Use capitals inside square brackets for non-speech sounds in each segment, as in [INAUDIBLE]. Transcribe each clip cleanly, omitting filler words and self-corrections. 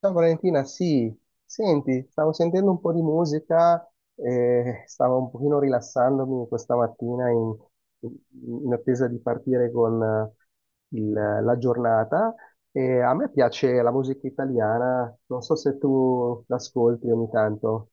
Ciao Valentina, sì, senti, stavo sentendo un po' di musica e stavo un pochino rilassandomi questa mattina in attesa di partire con la giornata, e a me piace la musica italiana, non so se tu l'ascolti ogni tanto.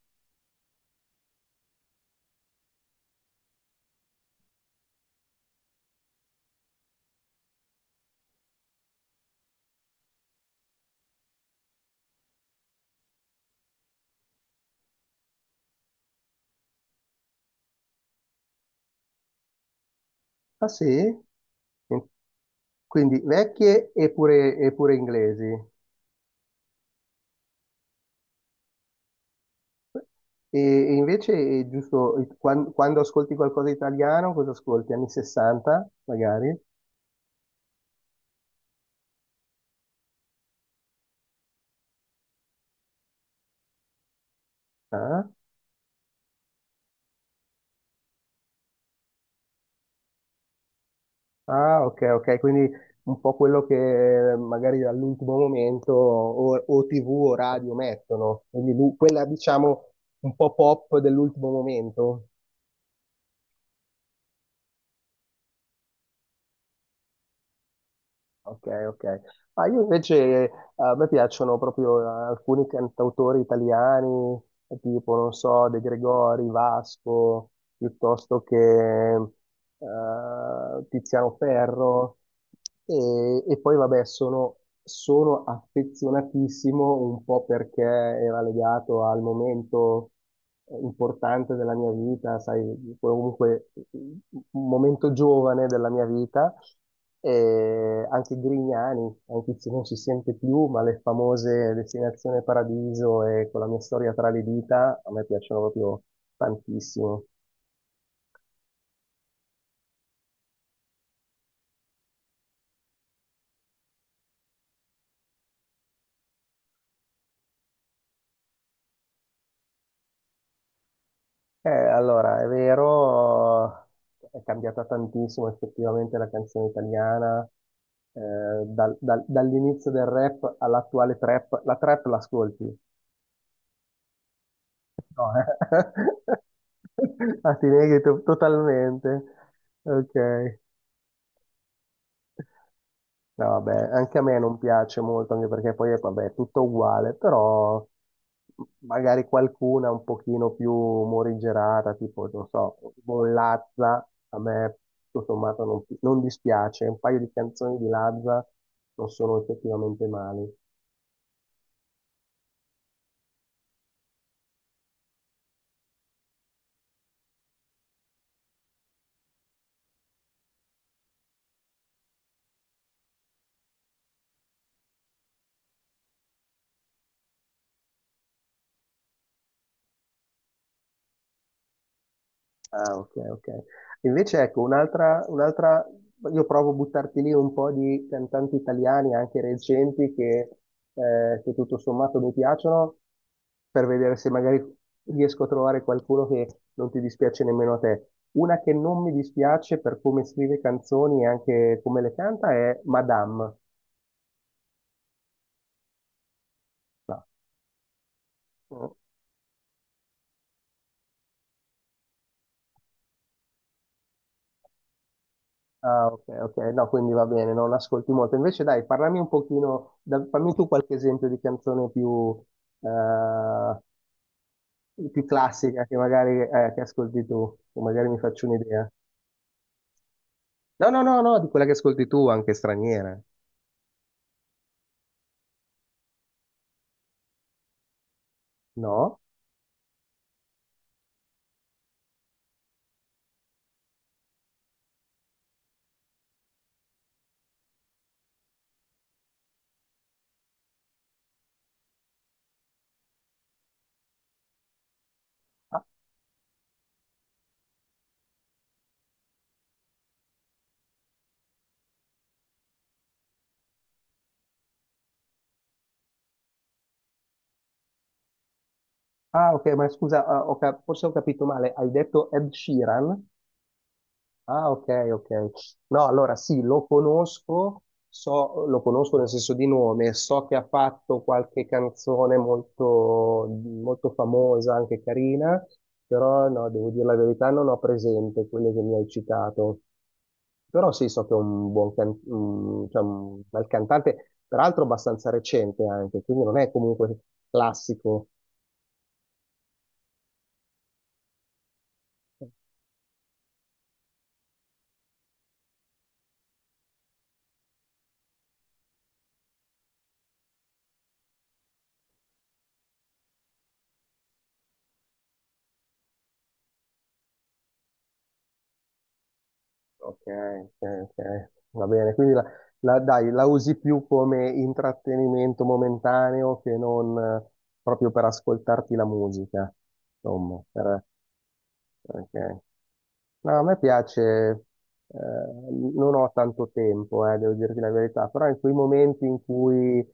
Ah sì? Quindi vecchie e pure inglesi. E invece, giusto, quando ascolti qualcosa di italiano, cosa ascolti? Anni 60, magari? Ah, ah, ok, ok, quindi un po' quello che magari all'ultimo momento o TV o radio mettono, quindi quella, diciamo, un po' pop dell'ultimo momento. Ok, ok. Ma io invece, a me piacciono proprio alcuni cantautori italiani, tipo, non so, De Gregori, Vasco, piuttosto che Tiziano Ferro. E poi, vabbè, sono affezionatissimo un po' perché era legato al momento importante della mia vita, sai, comunque un momento giovane della mia vita. E anche Grignani, anche se non si sente più, ma le famose Destinazione Paradiso e Con la mia storia tra le dita a me piacciono proprio tantissimo. Allora, è vero, è cambiata tantissimo effettivamente la canzone italiana, eh, dall'inizio del rap all'attuale trap. La trap l'ascolti? No, eh. [LAUGHS] Ah, ti neghi totalmente. Ok. No, vabbè, anche a me non piace molto, anche perché poi, vabbè, è tutto uguale, però magari qualcuna un pochino più morigerata, tipo, non so, un Lazza, a me tutto sommato non dispiace. Un paio di canzoni di Lazza non sono effettivamente male. Ah, ok, ok. Invece ecco, un'altra, io provo a buttarti lì un po' di cantanti italiani, anche recenti, che tutto sommato mi piacciono, per vedere se magari riesco a trovare qualcuno che non ti dispiace nemmeno a te. Una che non mi dispiace per come scrive canzoni e anche come le canta è Madame. No. Ah, ok, ok, no, quindi va bene, non ascolti molto. Invece dai, parlami un pochino, fammi tu qualche esempio di canzone più, eh, più classica che magari che ascolti tu, che magari mi faccio un'idea. No, no, no, no, di quella che ascolti tu, anche straniera. No? Ah, ah, ok, ma scusa, ah, ho forse ho capito male, hai detto Ed Sheeran? Ah, ok, ok. No, allora sì, lo conosco, lo conosco nel senso di nome, so che ha fatto qualche canzone molto famosa, anche carina, però no, devo dire la verità, non ho presente quelle che mi hai citato. Però sì, so che è un cioè un bel cantante, peraltro abbastanza recente anche, quindi non è comunque classico. Ok, ok, ok. Va bene, quindi dai, la usi più come intrattenimento momentaneo che non proprio per ascoltarti la musica, insomma, per... Ok. No, a me piace, eh, non ho tanto tempo, devo dirti la verità, però in quei momenti in cui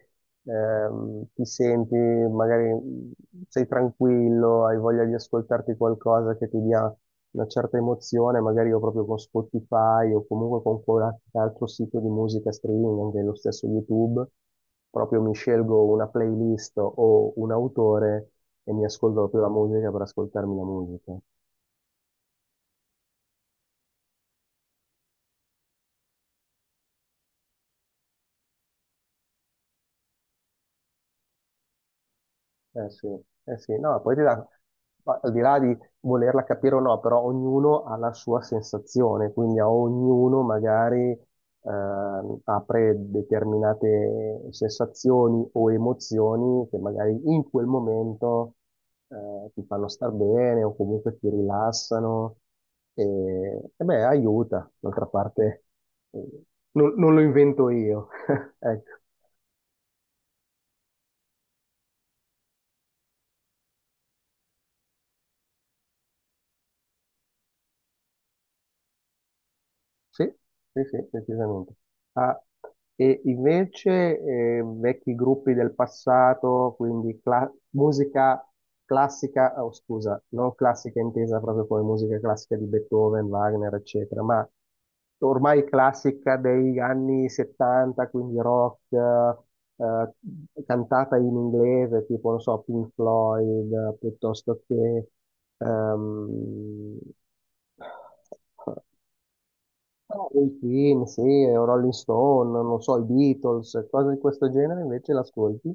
ti senti, magari sei tranquillo, hai voglia di ascoltarti qualcosa che ti dia una certa emozione, magari io proprio con Spotify o comunque con qualche altro sito di musica streaming, anche lo stesso YouTube, proprio mi scelgo una playlist o un autore e mi ascolto proprio la musica per ascoltarmi la musica. Eh sì, eh sì, no, poi ti dà, ma al di là di volerla capire o no, però ognuno ha la sua sensazione, quindi a ognuno magari apre determinate sensazioni o emozioni che magari in quel momento ti fanno star bene o comunque ti rilassano e, e beh, aiuta, d'altra parte, eh, non lo invento io. [LAUGHS] Ecco. Sì, sì, sì, decisamente. Ah, e invece vecchi gruppi del passato, quindi musica classica, oh, scusa, non classica intesa proprio come musica classica di Beethoven, Wagner, eccetera, ma ormai classica degli anni 70, quindi rock, cantata in inglese, tipo, non so, Pink Floyd, piuttosto che... ehm, Ah, i film, sì, o Rolling Stone, non so, i Beatles, cose di questo genere invece l'ascolti.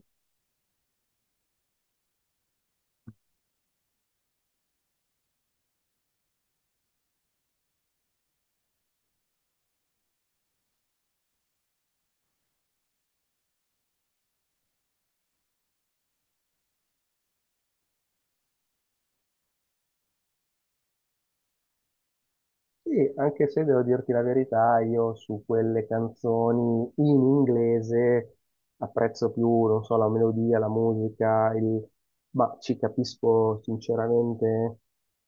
Sì, anche se devo dirti la verità, io su quelle canzoni in inglese apprezzo più, non so, la melodia, la musica, il... ma ci capisco sinceramente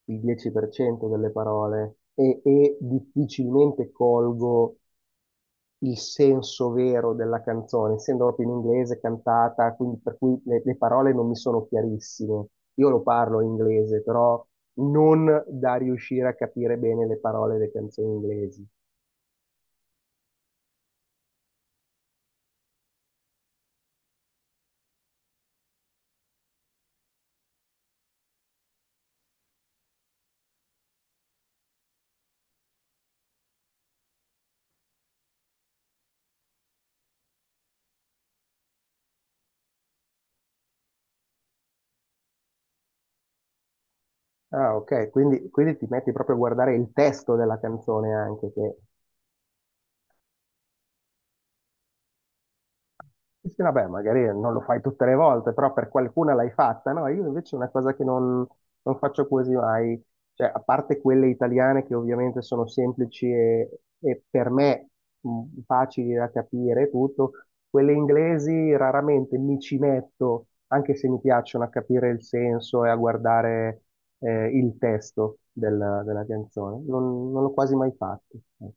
il 10% delle parole e difficilmente colgo il senso vero della canzone, essendo proprio in inglese cantata, quindi per cui le parole non mi sono chiarissime. Io lo parlo in inglese, però non da riuscire a capire bene le parole delle canzoni inglesi. Ah, ok, quindi ti metti proprio a guardare il testo della canzone anche, che... Sì, sì, vabbè, magari non lo fai tutte le volte, però per qualcuna l'hai fatta, no? Io invece è una cosa che non faccio quasi mai, cioè, a parte quelle italiane che ovviamente sono semplici e per me facili da capire e tutto, quelle inglesi raramente mi ci metto, anche se mi piacciono a capire il senso e a guardare il testo della canzone. Non l'ho quasi mai fatto, ecco.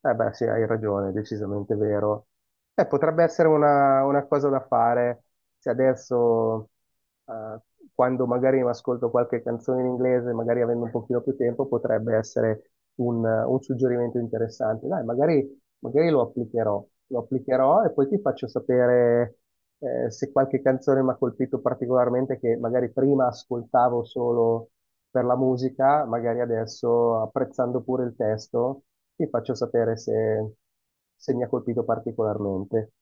Eh beh, sì, hai ragione, è decisamente vero. Potrebbe essere una cosa da fare se adesso, eh, quando magari mi ascolto qualche canzone in inglese, magari avendo un pochino più tempo, potrebbe essere un suggerimento interessante. Dai, magari, magari lo applicherò e poi ti faccio sapere, se qualche canzone mi ha colpito particolarmente che magari prima ascoltavo solo per la musica, magari adesso apprezzando pure il testo, ti faccio sapere se mi ha colpito particolarmente.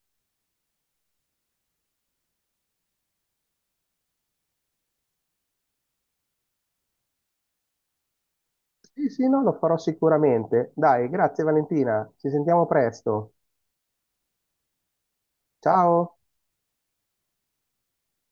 Sì, sì, no, lo farò sicuramente. Dai, grazie Valentina, ci sentiamo presto. Ciao!